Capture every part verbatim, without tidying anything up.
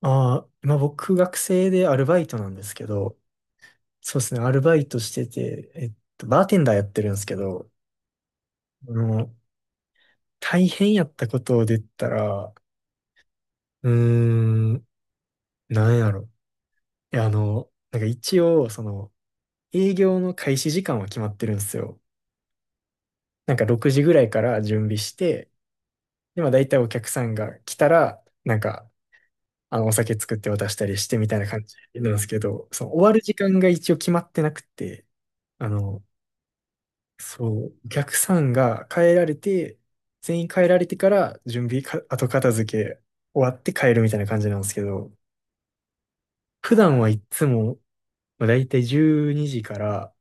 ああ、今僕学生でアルバイトなんですけど、そうですね、アルバイトしてて、えっと、バーテンダーやってるんですけど、あの、大変やったことを出たら、うーん、なんやろ。いや、あの、なんか一応、その、営業の開始時間は決まってるんですよ。なんかろくじぐらいから準備して、で、まあ大体お客さんが来たら、なんか、あの、お酒作って渡したりしてみたいな感じなんですけど、その終わる時間が一応決まってなくて、あの、そう、逆算が変えられて、全員変えられてから準備か、後片付け終わって帰るみたいな感じなんですけど、普段はいつも、まあ、だいたいじゅうにじから、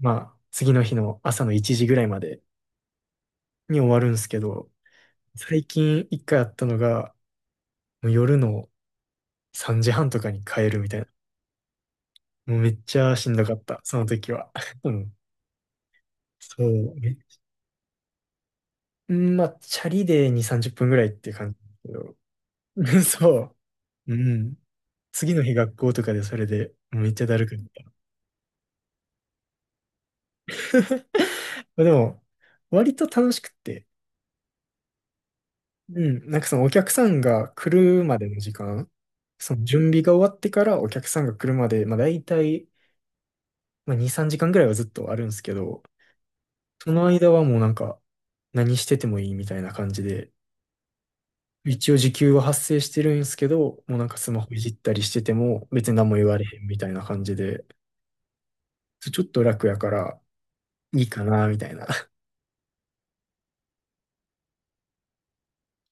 まあ、次の日の朝のいちじぐらいまでに終わるんですけど、最近一回あったのが、もう夜のさんじはんとかに帰るみたいな。もうめっちゃしんどかった、その時は。うん。そう。めうん、まあ、チャリでに、さんじゅっぷんぐらいっていう感じだけど。そう。うん。次の日学校とかでそれでめっちゃだるくなった。まあでも、割と楽しくって、うん、なんかそのお客さんが来るまでの時間、その準備が終わってからお客さんが来るまで、まあ大体、まあに、さんじかんぐらいはずっとあるんですけど、その間はもうなんか何しててもいいみたいな感じで、一応時給は発生してるんですけど、もうなんかスマホいじったりしてても別に何も言われへんみたいな感じで、ちょっと楽やからいいかなみたいな。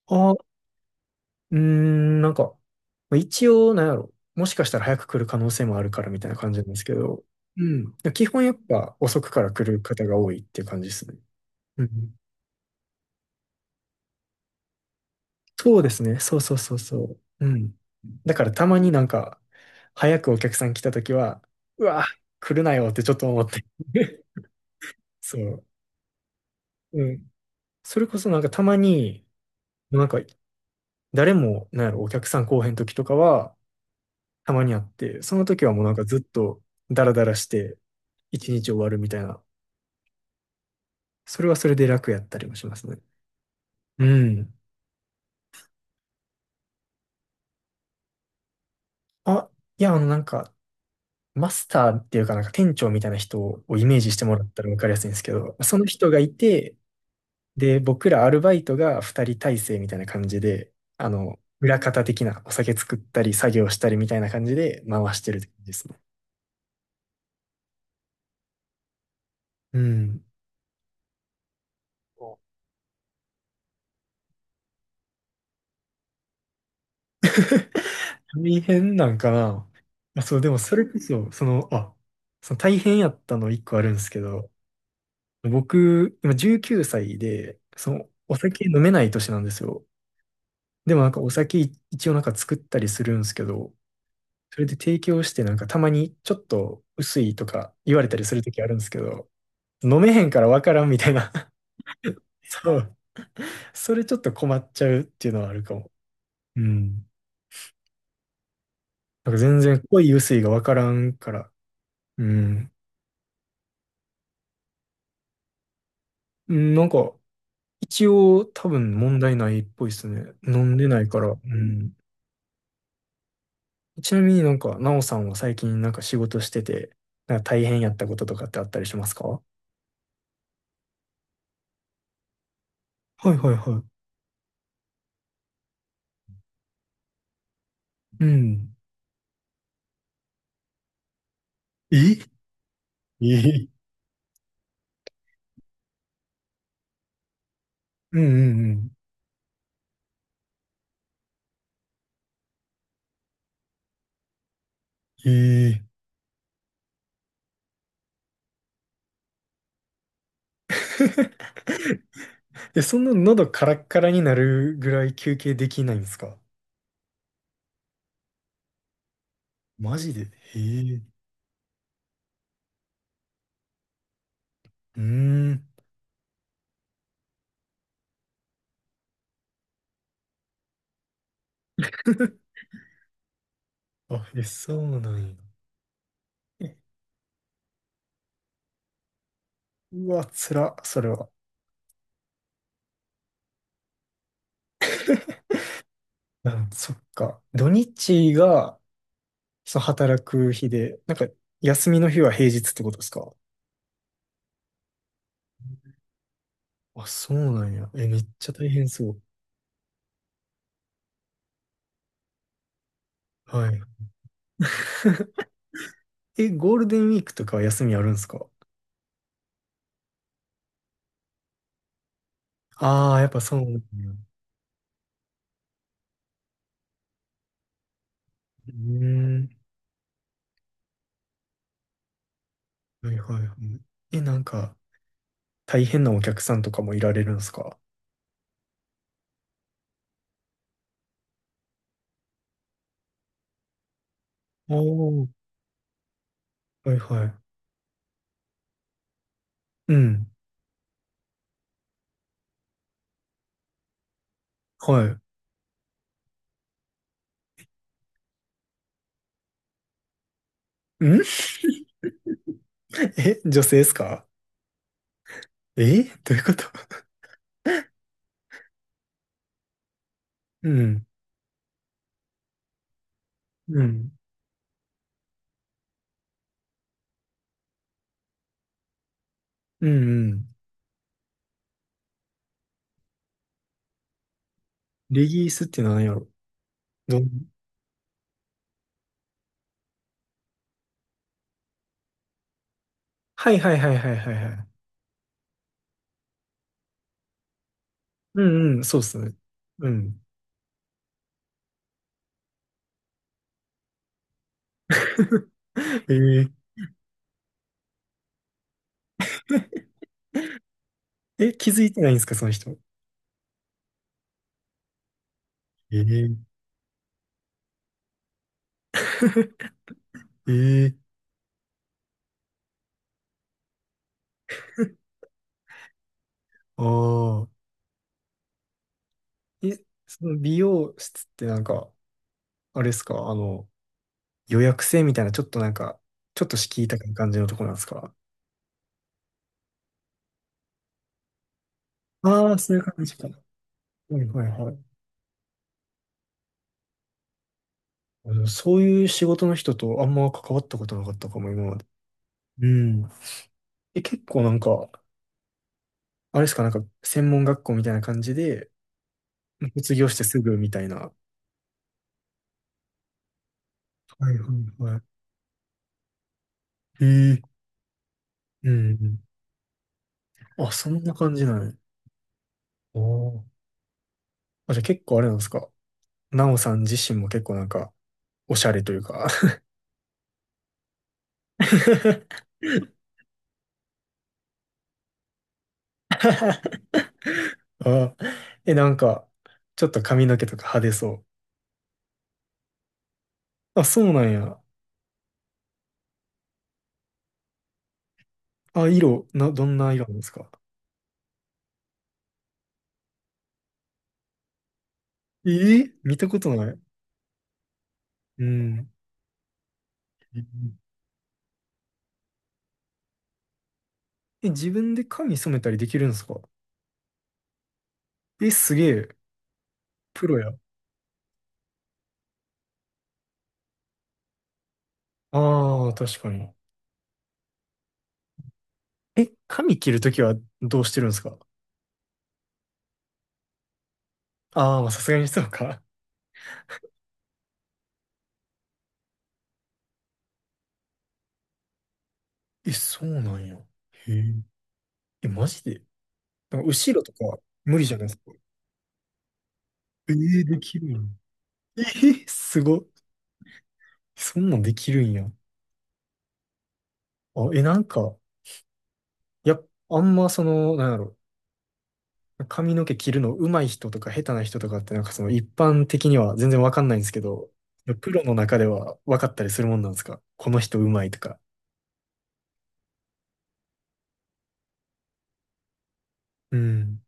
ああ、うーん、なんか、まあ一応、なんやろ。もしかしたら早く来る可能性もあるからみたいな感じなんですけど、うん。基本やっぱ遅くから来る方が多いっていう感じですね。うん。そうですね。そう、そう、そう、そう。うん。だからたまになんか、早くお客さん来た時は、うわ、来るなよってちょっと思って。そう。うん。それこそなんかたまに、なんか誰も、なんやろ、お客さん来おへん時とかは、たまにあって、その時はもうなんかずっとダラダラして一日終わるみたいな、それはそれで楽やったりもしますね。うん。あ、いや、あのなんか、マスターっていうかなんか店長みたいな人をイメージしてもらったらわかりやすいんですけど、その人がいて、で、僕らアルバイトが二人体制みたいな感じで、あの、裏方的なお酒作ったり作業したりみたいな感じで回してるって感じですね。うん。大変なんかな。まあ、そう、でもそれこそ、その、あ、その大変やったの一個あるんですけど、僕、今じゅうきゅうさいで、その、お酒飲めない年なんですよ。でもなんかお酒一応なんか作ったりするんですけど、それで提供してなんかたまにちょっと薄いとか言われたりするときあるんですけど、飲めへんからわからんみたいな。そう。それちょっと困っちゃうっていうのはあるかも。うん。なんか全然濃い薄いがわからんから。うん。うん、なんか、一応多分問題ないっぽいですね。飲んでないから。うん。ちなみになんか、なおさんは最近なんか仕事してて、なんか大変やったこととかってあったりしますか？はい、はい、はい。うん。ええ、うん、うん、うん。ええ。 え、そんな喉カラッカラになるぐらい休憩できないんですか？マジで？ええ。うーん。あ、え、そうなんや。え、うわ、つら、それは。あ、そっか。土日が、その働く日で、なんか、休みの日は平日ってことですか？あ、そうなんや。え、めっちゃ大変そう。はい。え、ゴールデンウィークとかは休みあるんですか？ああー、やっぱそうなんや。うーん。はい、はい、はい。え、なんか、大変なお客さんとかもいられるんですか？おおー。はい、はい。うん。はい。うん。 え、女性ですか？え、どういうこと？うん。うん。うん、うん。レギースって何やろ？どんはい、はい、はい、はい、はい、はい。うん、うん、そうっすね。うん。えー、え、気づいてないんですか、その人。えー、えー、ああ。え、その美容室ってなんか、あれですか、あの、予約制みたいな、ちょっとなんか、ちょっと敷居高い感じのとこなんですか？ああー、そういう感じか。はい、はい、はい。あのそういう仕事の人とあんま関わったことなかったかも、今まで。うん。え、結構なんか、あれですか、なんか、専門学校みたいな感じで、卒業してすぐみたいな。はい、はい、はい。ええ。うん、うん。あ、そんな感じなんや。あー、あ、じゃあ結構あれなんですか？なおさん自身も結構なんか、おしゃれというか。 あ、え、なんか、ちょっと髪の毛とか派手そう。あ、そうなんや。あ、色、な、どんな色なんですか。えー、見たことない。うん。え、自分で髪染めたりできるんですか？え、すげえ。プロや。ああ、確かに。え、髪切るときはどうしてるんですか？ああ、まあさすがにそうか。え、そうなんや。へえ。え、マジで？なんか後ろとか無理じゃないですか。えー、できるんや。えー、すごっ。そんなんできるんや。あ、え、なんか、やっ、あんまその、なんやろ。髪の毛切るの上手い人とか下手な人とかってなんかその一般的には全然わかんないんですけど、プロの中ではわかったりするもんなんですか？この人上手いとか。うん。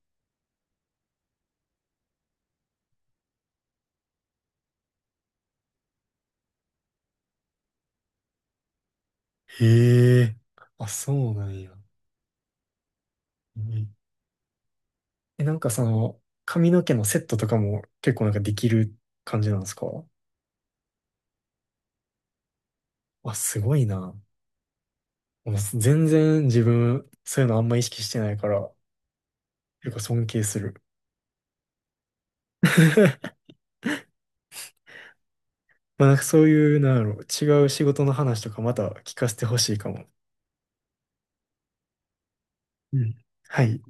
へえ。あ、そうなんや。うん、え、なんかその、髪の毛のセットとかも結構なんかできる感じなんですか？あ、すごいな。もう全然自分、そういうのあんま意識してないから、結構尊敬する。まあなんかそういう、なんだろう、違う仕事の話とかまた聞かせてほしいかも。うん。はい。